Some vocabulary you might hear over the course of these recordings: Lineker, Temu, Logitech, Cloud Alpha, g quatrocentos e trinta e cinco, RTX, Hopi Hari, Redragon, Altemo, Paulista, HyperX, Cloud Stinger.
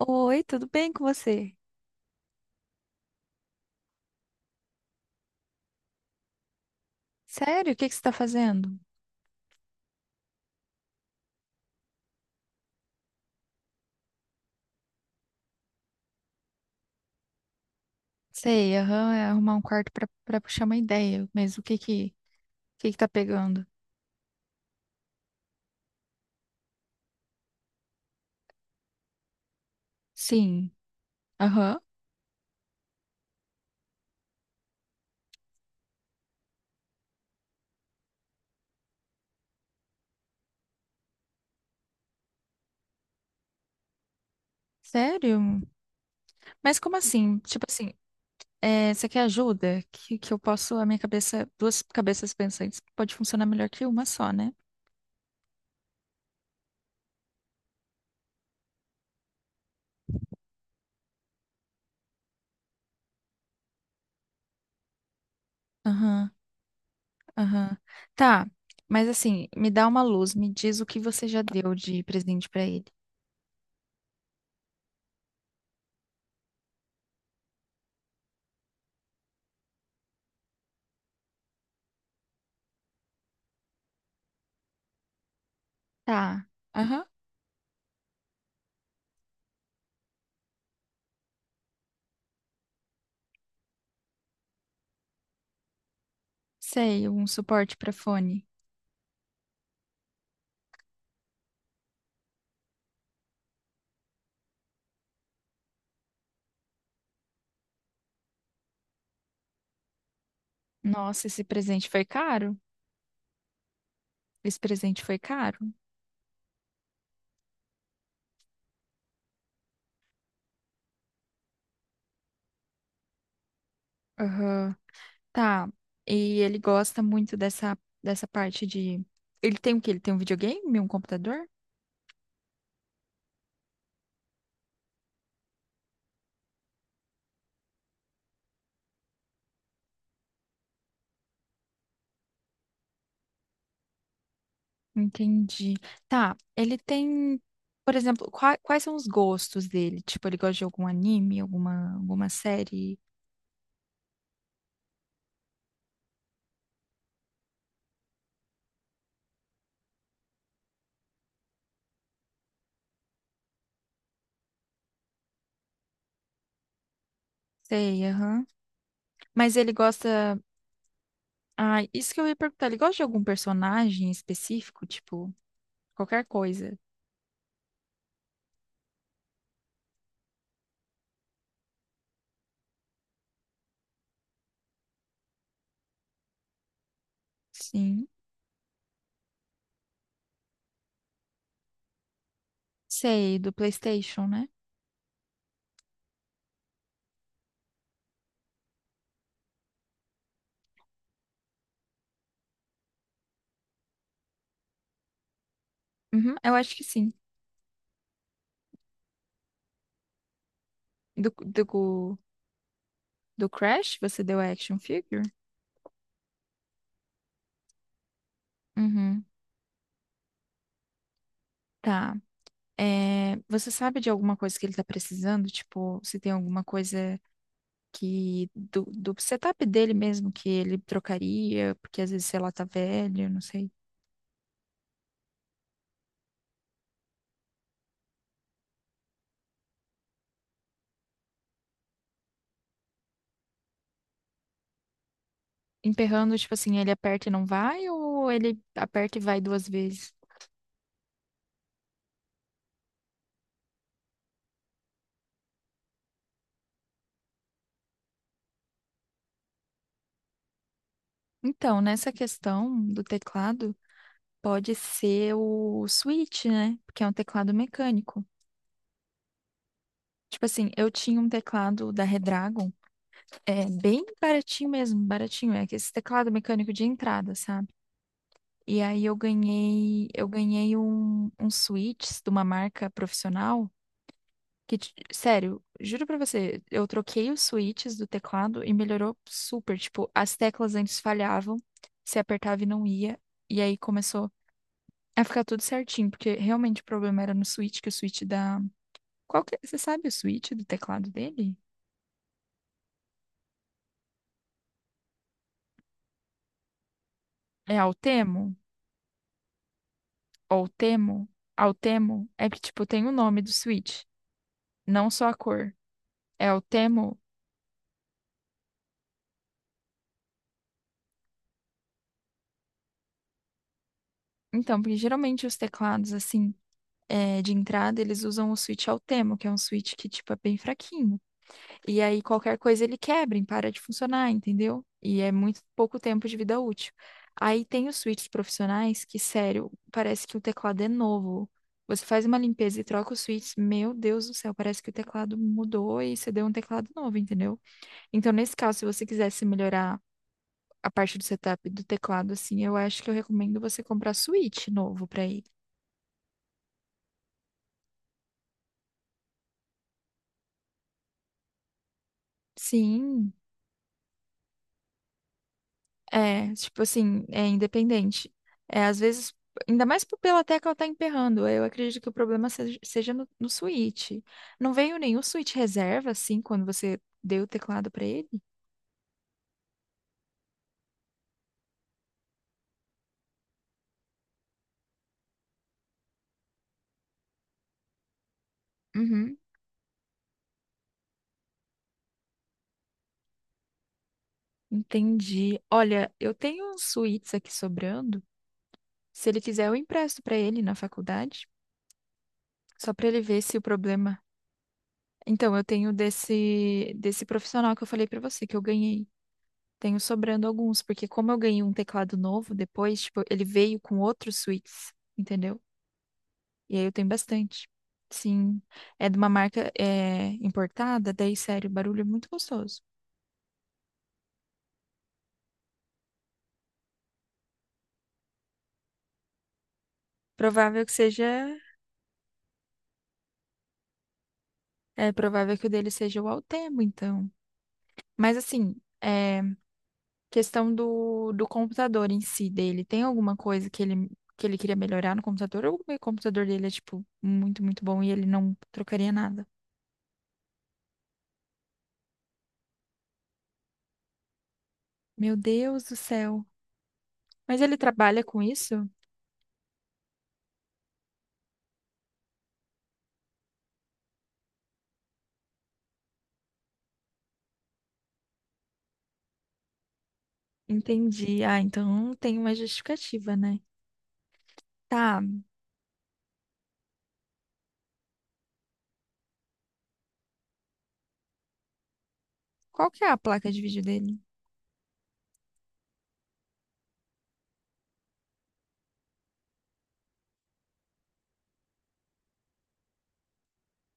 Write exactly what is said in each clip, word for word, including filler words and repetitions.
Oi, tudo bem com você? Sério, o que que você está fazendo? Sei, aham, é arrumar um quarto para para puxar uma ideia, mas o que que o que que tá pegando? Sim, aham, sério? Mas como assim? Tipo assim, é, você quer ajuda? Que, que eu posso, a minha cabeça, duas cabeças pensantes pode funcionar melhor que uma só, né? Aham, aham. Tá, mas assim, me dá uma luz, me diz o que você já deu de presente para ele. Tá, aham, sei, um suporte para fone. Nossa, esse presente foi caro? Esse presente foi caro? Aham. Tá. E ele gosta muito dessa, dessa parte de. Ele tem o quê? Ele tem um videogame, um computador? Entendi. Tá. Ele tem, por exemplo, qua- quais são os gostos dele? Tipo, ele gosta de algum anime, alguma, alguma série? Sei, aham. Mas ele gosta. Ah, isso que eu ia perguntar. Ele gosta de algum personagem específico? Tipo, qualquer coisa? Sim. Sei, do PlayStation, né? Uhum, eu acho que sim. Do, do, do Crash, você deu action figure? Uhum. Tá. É, você sabe de alguma coisa que ele tá precisando? Tipo, se tem alguma coisa que do, do setup dele mesmo que ele trocaria, porque às vezes, sei lá, tá velho, não sei. Emperrando, tipo assim, ele aperta e não vai, ou ele aperta e vai duas vezes? Então, nessa questão do teclado, pode ser o Switch, né? Porque é um teclado mecânico. Tipo assim, eu tinha um teclado da Redragon. É bem baratinho mesmo, baratinho. É esse teclado mecânico de entrada, sabe? E aí eu ganhei, eu ganhei um, um switch de uma marca profissional que, t- sério, juro pra você, eu troquei os switches do teclado e melhorou super. Tipo, as teclas antes falhavam, se apertava e não ia. E aí começou a ficar tudo certinho, porque realmente o problema era no switch, que o switch da. Qual que é? Você sabe o switch do teclado dele? É Altemo? Ou Temu, Altemo, é que, tipo, tem o nome do Switch, não só a cor. É Altemo. Então, porque geralmente os teclados, assim, é, de entrada, eles usam o Switch Altemo, que é um Switch que, tipo, é bem fraquinho. E aí qualquer coisa ele quebra, e para de funcionar, entendeu? E é muito pouco tempo de vida útil. Aí tem os switches profissionais que, sério, parece que o teclado é novo. Você faz uma limpeza e troca os switches, meu Deus do céu, parece que o teclado mudou e você deu um teclado novo, entendeu? Então, nesse caso, se você quisesse melhorar a parte do setup do teclado, assim, eu acho que eu recomendo você comprar Switch novo pra ele. Sim, é, tipo assim, é independente. É, às vezes, ainda mais por- pela tecla tá emperrando, eu acredito que o problema seja, seja no, no Switch. Não veio nenhum Switch reserva, assim, quando você deu o teclado pra ele? Uhum, entendi. Olha, eu tenho uns Switches aqui sobrando. Se ele quiser, eu empresto pra ele na faculdade, só pra ele ver se o problema. Então, eu tenho desse, desse profissional que eu falei pra você, que eu ganhei. Tenho sobrando alguns, porque como eu ganhei um teclado novo depois, tipo, ele veio com outros suítes, entendeu? E aí eu tenho bastante. Sim, é de uma marca é, importada, daí, sério, o barulho é muito gostoso. Provável que seja, é provável que o dele seja o Altemo, então. Mas assim, é, questão do, do computador em si dele, tem alguma coisa que ele, que ele, queria melhorar no computador? Ou o computador dele é, tipo, muito, muito bom e ele não trocaria nada? Meu Deus do céu. Mas ele trabalha com isso? Entendi. Ah, então tem uma justificativa, né? Tá. Qual que é a placa de vídeo dele?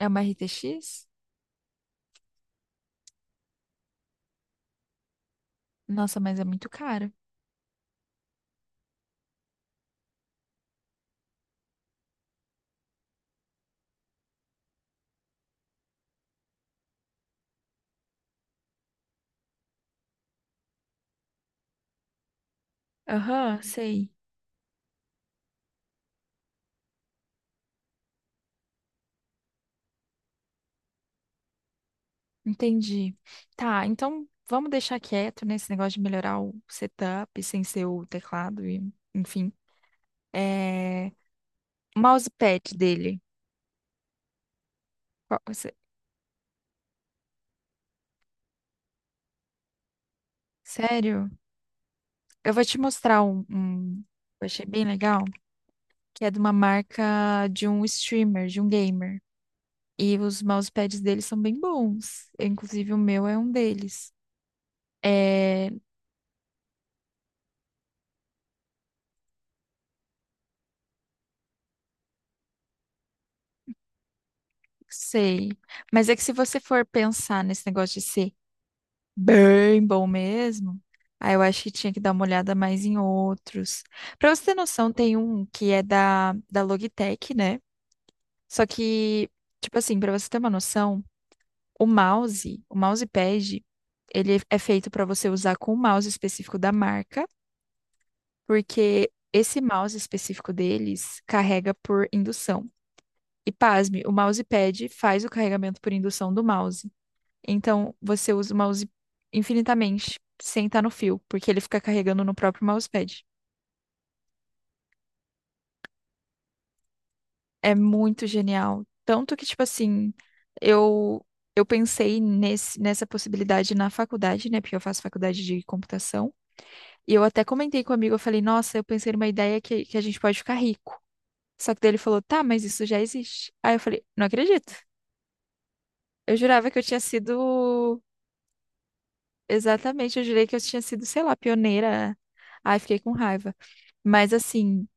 É uma R T X? Nossa, mas é muito cara. Aham, sei. Entendi. Tá, então vamos deixar quieto nesse negócio de melhorar o setup sem ser o teclado e, enfim. É, o mousepad dele. Qual- sé- Sério? Eu vou te mostrar um, um que eu achei bem legal, que é de uma marca de um streamer, de um gamer. E os mousepads deles são bem bons. Eu, inclusive, o meu é um deles. É, sei. Mas é que se você for pensar nesse negócio de ser bem bom mesmo, aí eu acho que tinha que dar uma olhada mais em outros. Pra você ter noção, tem um que é da, da Logitech, né? Só que, tipo assim, pra você ter uma noção, o mouse, o mousepad, ele é feito pra você usar com o mouse específico da marca, porque esse mouse específico deles carrega por indução. E pasme, o mousepad faz o carregamento por indução do mouse. Então, você usa o mouse infinitamente, sem estar no fio, porque ele fica carregando no próprio mousepad. É muito genial. Tanto que, tipo assim, eu eu pensei nesse, nessa possibilidade na faculdade, né? Porque eu faço faculdade de computação. E eu até comentei com um amigo, eu falei, nossa, eu pensei numa ideia que, que a gente pode ficar rico. Só que daí ele falou, tá, mas isso já existe. Aí eu falei, não acredito. Eu jurava que eu tinha sido. Exatamente, eu jurei que eu tinha sido, sei lá, pioneira. Ai, fiquei com raiva. Mas assim,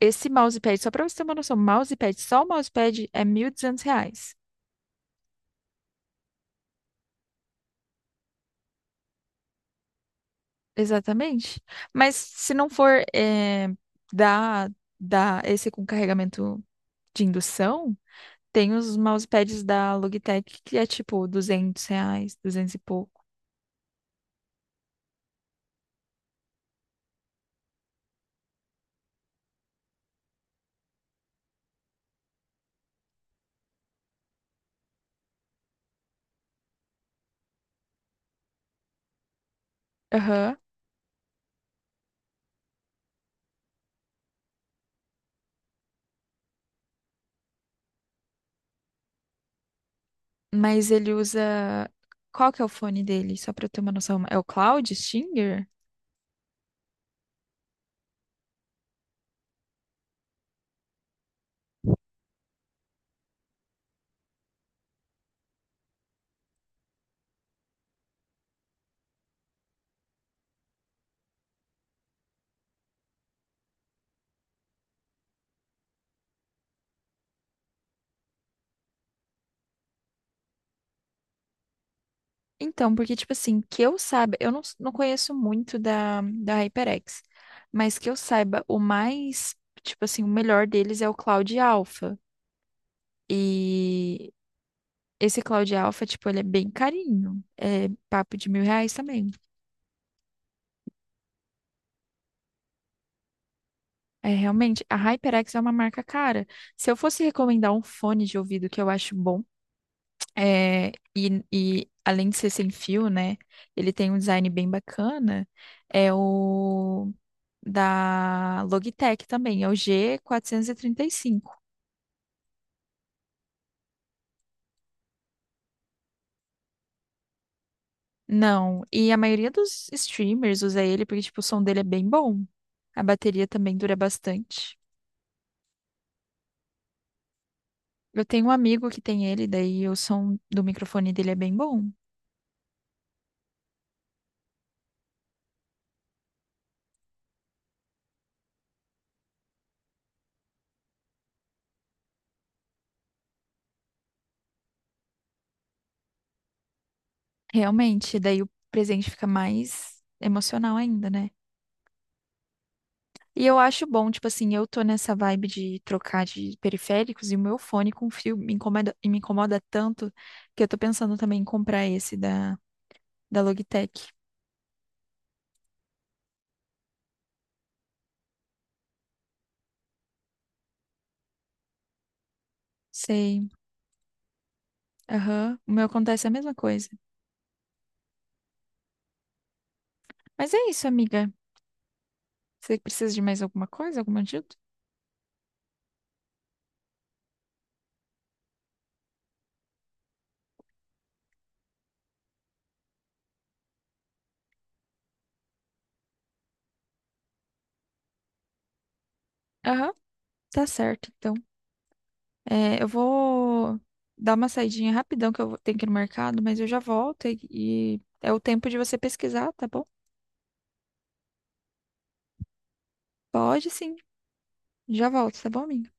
esse mousepad, só pra você ter uma noção, mousepad, só o mousepad é mil e duzentos reais. Exatamente. Mas se não for eh, da, da esse com carregamento de indução, tem os mousepads da Logitech que é tipo duzentos reais, duzentos e pouco. Aham. Mas ele usa. Qual que é o fone dele? Só pra eu ter uma noção. É o Cloud Stinger? Então, porque, tipo assim, que eu saiba, eu não, não conheço muito da, da HyperX, mas que eu saiba, o mais, tipo assim, o melhor deles é o Cloud Alpha. E esse Cloud Alpha, tipo, ele é bem carinho. É papo de mil reais também. É, realmente, a HyperX é uma marca cara. Se eu fosse recomendar um fone de ouvido que eu acho bom, é, e, e além de ser sem fio, né, ele tem um design bem bacana, é o. Da Logitech também, é o g quatrocentos e trinta e cinco. Não, e a maioria dos streamers usa ele porque, tipo, o som dele é bem bom. A bateria também dura bastante. Eu tenho um amigo que tem ele, daí o som do microfone dele é bem bom. Realmente, daí o presente fica mais emocional ainda, né? E eu acho bom, tipo assim, eu tô nessa vibe de trocar de periféricos e o meu fone com fio me incomoda, e me incomoda tanto que eu tô pensando também em comprar esse da, da Logitech. Sei. Aham. O meu acontece a mesma coisa. Mas é isso, amiga. Você precisa de mais alguma coisa, alguma ajuda? Aham. Tá certo, então. É, eu vou dar uma saidinha rapidão que eu vou- tenho que ir no mercado, mas eu já volto e e é o tempo de você pesquisar, tá bom? Pode sim. Já volto, tá bom, amiga?